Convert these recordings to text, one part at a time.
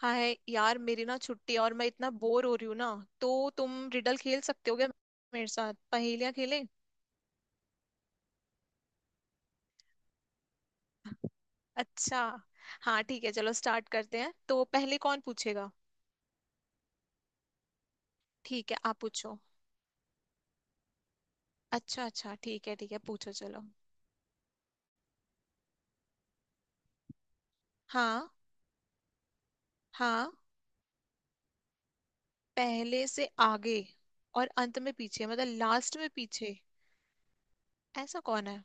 हाय यार, मेरी ना छुट्टी है और मैं इतना बोर हो रही हूँ ना। तो तुम रिडल खेल सकते हो क्या, मेरे साथ पहेलियां खेलें। अच्छा, हाँ ठीक है, चलो स्टार्ट करते हैं। तो पहले कौन पूछेगा। ठीक है आप पूछो। अच्छा अच्छा, ठीक है ठीक है, पूछो चलो। हाँ हाँ। पहले से आगे और अंत में पीछे, मतलब लास्ट में पीछे। ऐसा कौन है।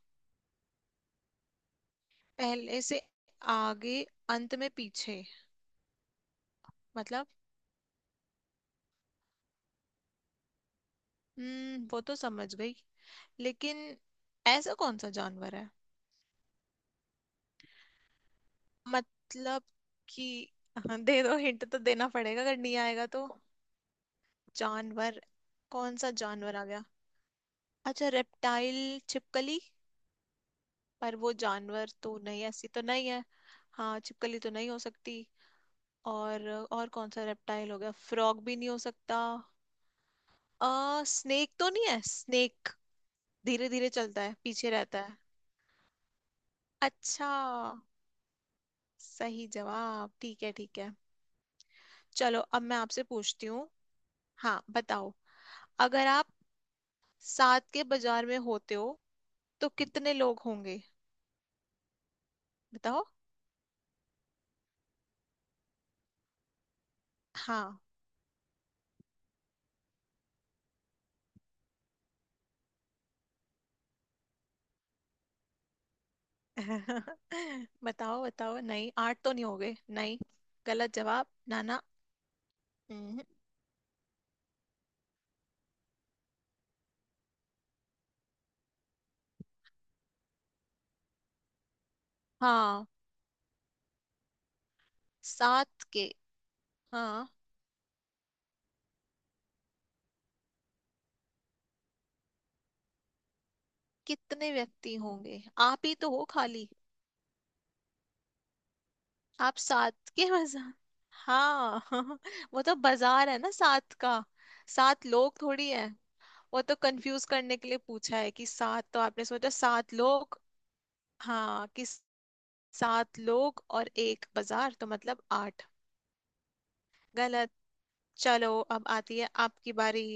पहले से आगे, अंत में पीछे मतलब। हम्म, वो तो समझ गई, लेकिन ऐसा कौन सा जानवर है। मतलब कि, हाँ, दे दो हिंट, तो देना पड़ेगा अगर नहीं आएगा तो। जानवर, कौन सा जानवर आ गया। अच्छा, रेप्टाइल। छिपकली। पर वो जानवर तो नहीं, ऐसी तो नहीं है। हाँ छिपकली तो नहीं हो सकती। और कौन सा रेप्टाइल हो गया, फ्रॉग भी नहीं हो सकता। स्नेक तो नहीं है, स्नेक। धीरे धीरे चलता है, पीछे रहता है। अच्छा। सही जवाब, ठीक है ठीक है। चलो अब मैं आपसे पूछती हूँ। हाँ बताओ। अगर आप सात के बाजार में होते हो तो कितने लोग होंगे। बताओ। हाँ। बताओ बताओ, नहीं आठ तो नहीं हो गए, नहीं। गलत जवाब। नाना। हम्म, हाँ, सात के। हाँ। कितने व्यक्ति होंगे, आप ही तो हो खाली। आप सात के बाजार। हाँ। वो तो बाजार है ना सात का। सात लोग थोड़ी है, वो तो कंफ्यूज करने के लिए पूछा है कि सात तो आपने सोचा, सात लोग। हाँ कि सात लोग और एक बाजार, तो मतलब आठ। गलत। चलो अब आती है आपकी बारी।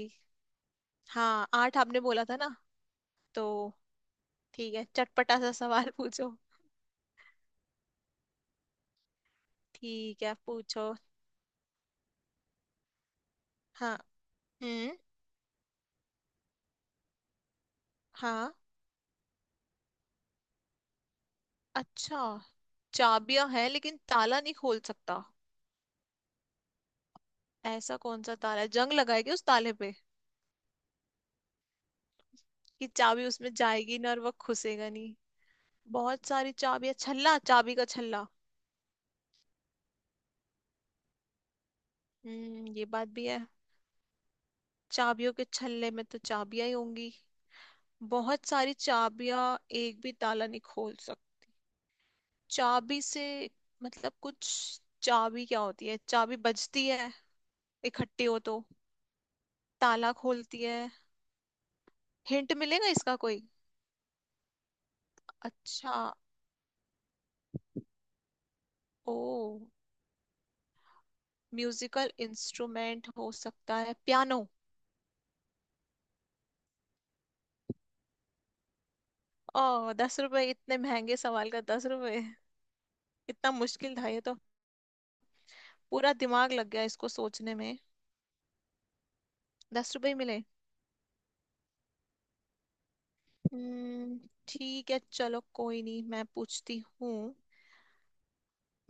हाँ आठ आपने बोला था ना। तो ठीक है, चटपटा सा सवाल पूछो। ठीक है पूछो। हाँ। हम्म। हाँ। अच्छा। चाबियां हैं लेकिन ताला नहीं खोल सकता, ऐसा कौन सा ताला है। जंग लगाएगी उस ताले पे कि चाबी उसमें जाएगी ना और वो खुसेगा नहीं। बहुत सारी चाबियां, छल्ला, चाबी का छल्ला। हम्म, ये बात भी है। चाबियों के छल्ले में तो चाबियां ही होंगी। बहुत सारी चाबियां एक भी ताला नहीं खोल सकती। चाबी से मतलब कुछ, चाबी क्या होती है, चाबी बजती है इकट्ठी हो तो, ताला खोलती है। हिंट मिलेगा इसका कोई। अच्छा। ओ, म्यूजिकल इंस्ट्रूमेंट हो सकता है, पियानो। ओ, 10 रुपए। इतने महंगे सवाल का 10 रुपए। इतना मुश्किल था ये तो, पूरा दिमाग लग गया इसको सोचने में। 10 रुपए ही मिले। हम्म, ठीक है, चलो कोई नहीं, मैं पूछती हूँ।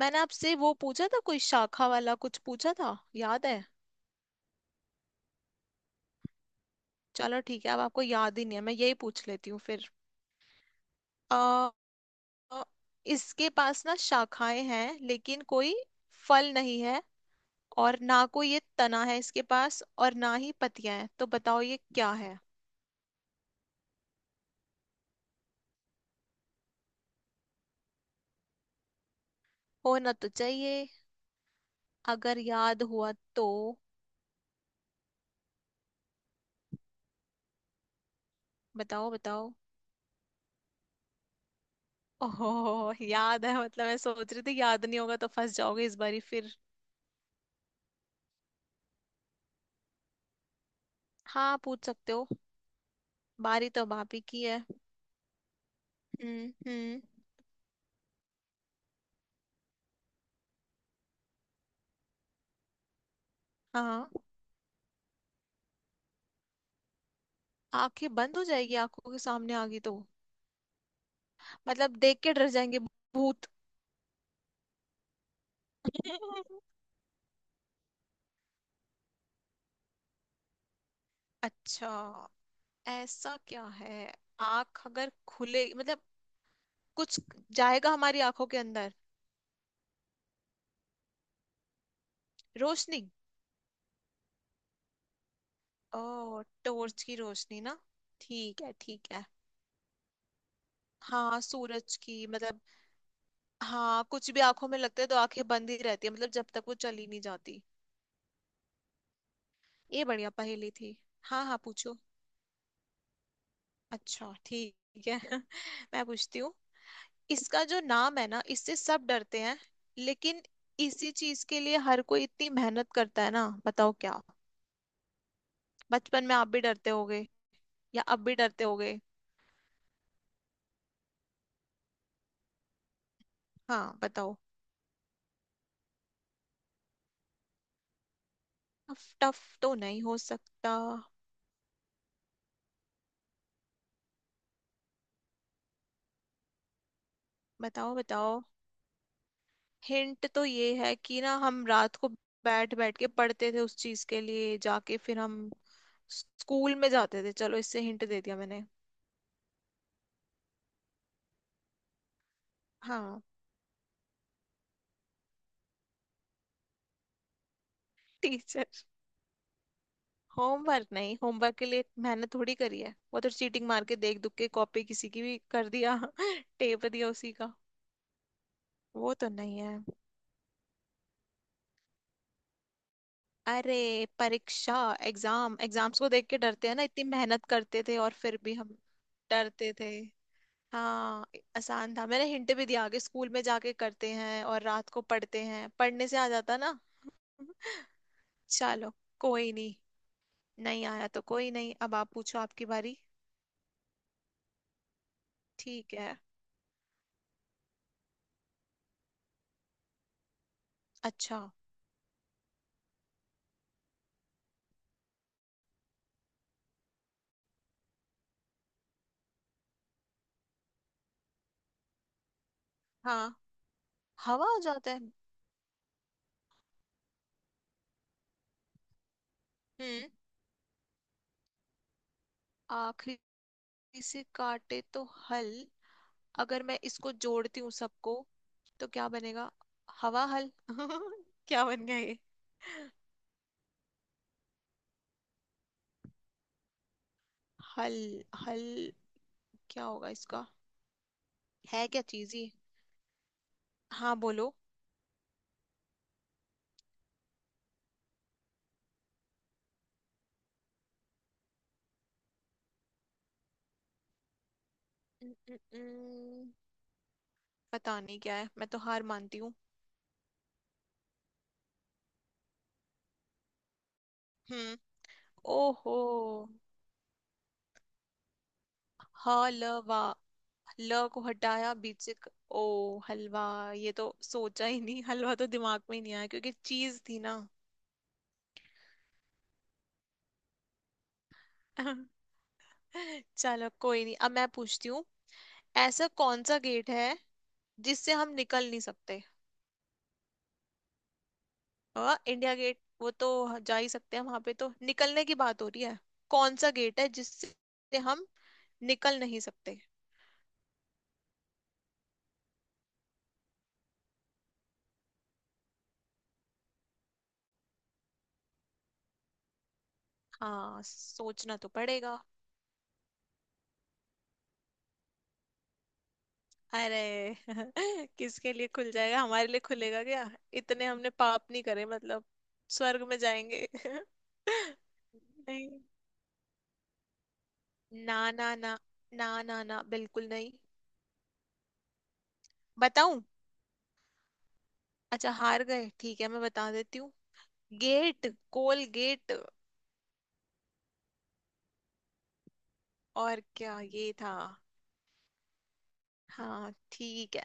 मैंने आपसे वो पूछा था, कोई शाखा वाला कुछ पूछा था, याद है। चलो ठीक है, अब आपको याद ही नहीं है, मैं यही पूछ लेती हूँ फिर। आ, इसके पास ना शाखाएं हैं, लेकिन कोई फल नहीं है और ना कोई ये तना है इसके पास, और ना ही पत्तियां हैं, तो बताओ ये क्या है। होना तो चाहिए। अगर याद हुआ तो। बताओ बताओ। ओहो, याद है। मतलब मैं सोच रही थी याद नहीं होगा तो फंस जाओगे इस बारी फिर। हाँ पूछ सकते हो। बारी तो अब आप ही की है। हम्म। हाँ। आंखें बंद हो जाएगी, आंखों के सामने आ गई तो। मतलब देख के डर जाएंगे। भूत। अच्छा, ऐसा क्या है। आंख अगर खुले मतलब, कुछ जाएगा हमारी आंखों के अंदर। रोशनी। ओ, टॉर्च की रोशनी ना। ठीक है ठीक है। हाँ सूरज की मतलब, हाँ, कुछ भी आंखों में लगता है तो आंखें बंद ही रहती है, मतलब जब तक वो चली नहीं जाती। ये बढ़िया पहेली थी। हाँ हाँ पूछो। अच्छा ठीक है। मैं पूछती हूँ। इसका जो नाम है ना, इससे सब डरते हैं, लेकिन इसी चीज के लिए हर कोई इतनी मेहनत करता है ना, बताओ क्या। बचपन में आप भी डरते होगे या अब भी डरते होगे। हाँ बताओ। टफ टफ तो नहीं हो सकता। बताओ बताओ। हिंट तो ये है कि ना, हम रात को बैठ बैठ के पढ़ते थे उस चीज के लिए, जाके फिर हम स्कूल में जाते थे, चलो इससे हिंट दे दिया मैंने। हाँ। टीचर। होमवर्क नहीं, होमवर्क के लिए मेहनत थोड़ी करी है, वो तो चीटिंग मार के देख दुख के कॉपी किसी की भी कर दिया, टेप दिया उसी का। वो तो नहीं है। अरे, परीक्षा। एग्जाम, एग्जाम्स को देख के डरते हैं ना, इतनी मेहनत करते थे और फिर भी हम डरते थे। हाँ, आसान था, मैंने हिंट भी दिया, आगे स्कूल में जाके करते हैं और रात को पढ़ते हैं, पढ़ने से आ जाता ना। चलो कोई नहीं, नहीं आया तो कोई नहीं, अब आप पूछो आपकी बारी। ठीक है। अच्छा। हाँ, हवा हो जाता है। हम्म। आखिरी से काटे तो हल। अगर मैं इसको जोड़ती हूँ सबको तो क्या बनेगा। हवा हल। क्या बन गया ये। हल। हल। क्या होगा इसका, है क्या चीज ये। हाँ बोलो। न- न- न- पता नहीं क्या है, मैं तो हार मानती हूँ। हम्म। ओहो। हलवा। ल वा, ल को हटाया बीच से ओ हलवा। ये तो सोचा ही नहीं, हलवा तो दिमाग में ही नहीं आया, क्योंकि चीज थी ना। चलो कोई नहीं, अब मैं पूछती हूँ। ऐसा कौन सा गेट है जिससे हम निकल नहीं सकते। हाँ इंडिया गेट, वो तो जा ही सकते हैं वहां पे, तो निकलने की बात हो रही है। कौन सा गेट है जिससे हम निकल नहीं सकते। हाँ सोचना तो पड़ेगा। अरे, किसके लिए खुल जाएगा, हमारे लिए खुलेगा क्या। इतने हमने पाप नहीं करे मतलब, स्वर्ग में जाएंगे। नहीं। ना ना ना। ना ना ना, बिल्कुल नहीं। बताऊं। अच्छा हार गए, ठीक है, मैं बता देती हूँ। गेट, कोलगेट। और क्या ये था। हाँ ठीक है।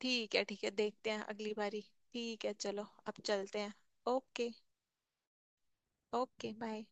ठीक है, ठीक है देखते हैं अगली बारी। ठीक है, चलो अब चलते हैं। ओके। Okay bye.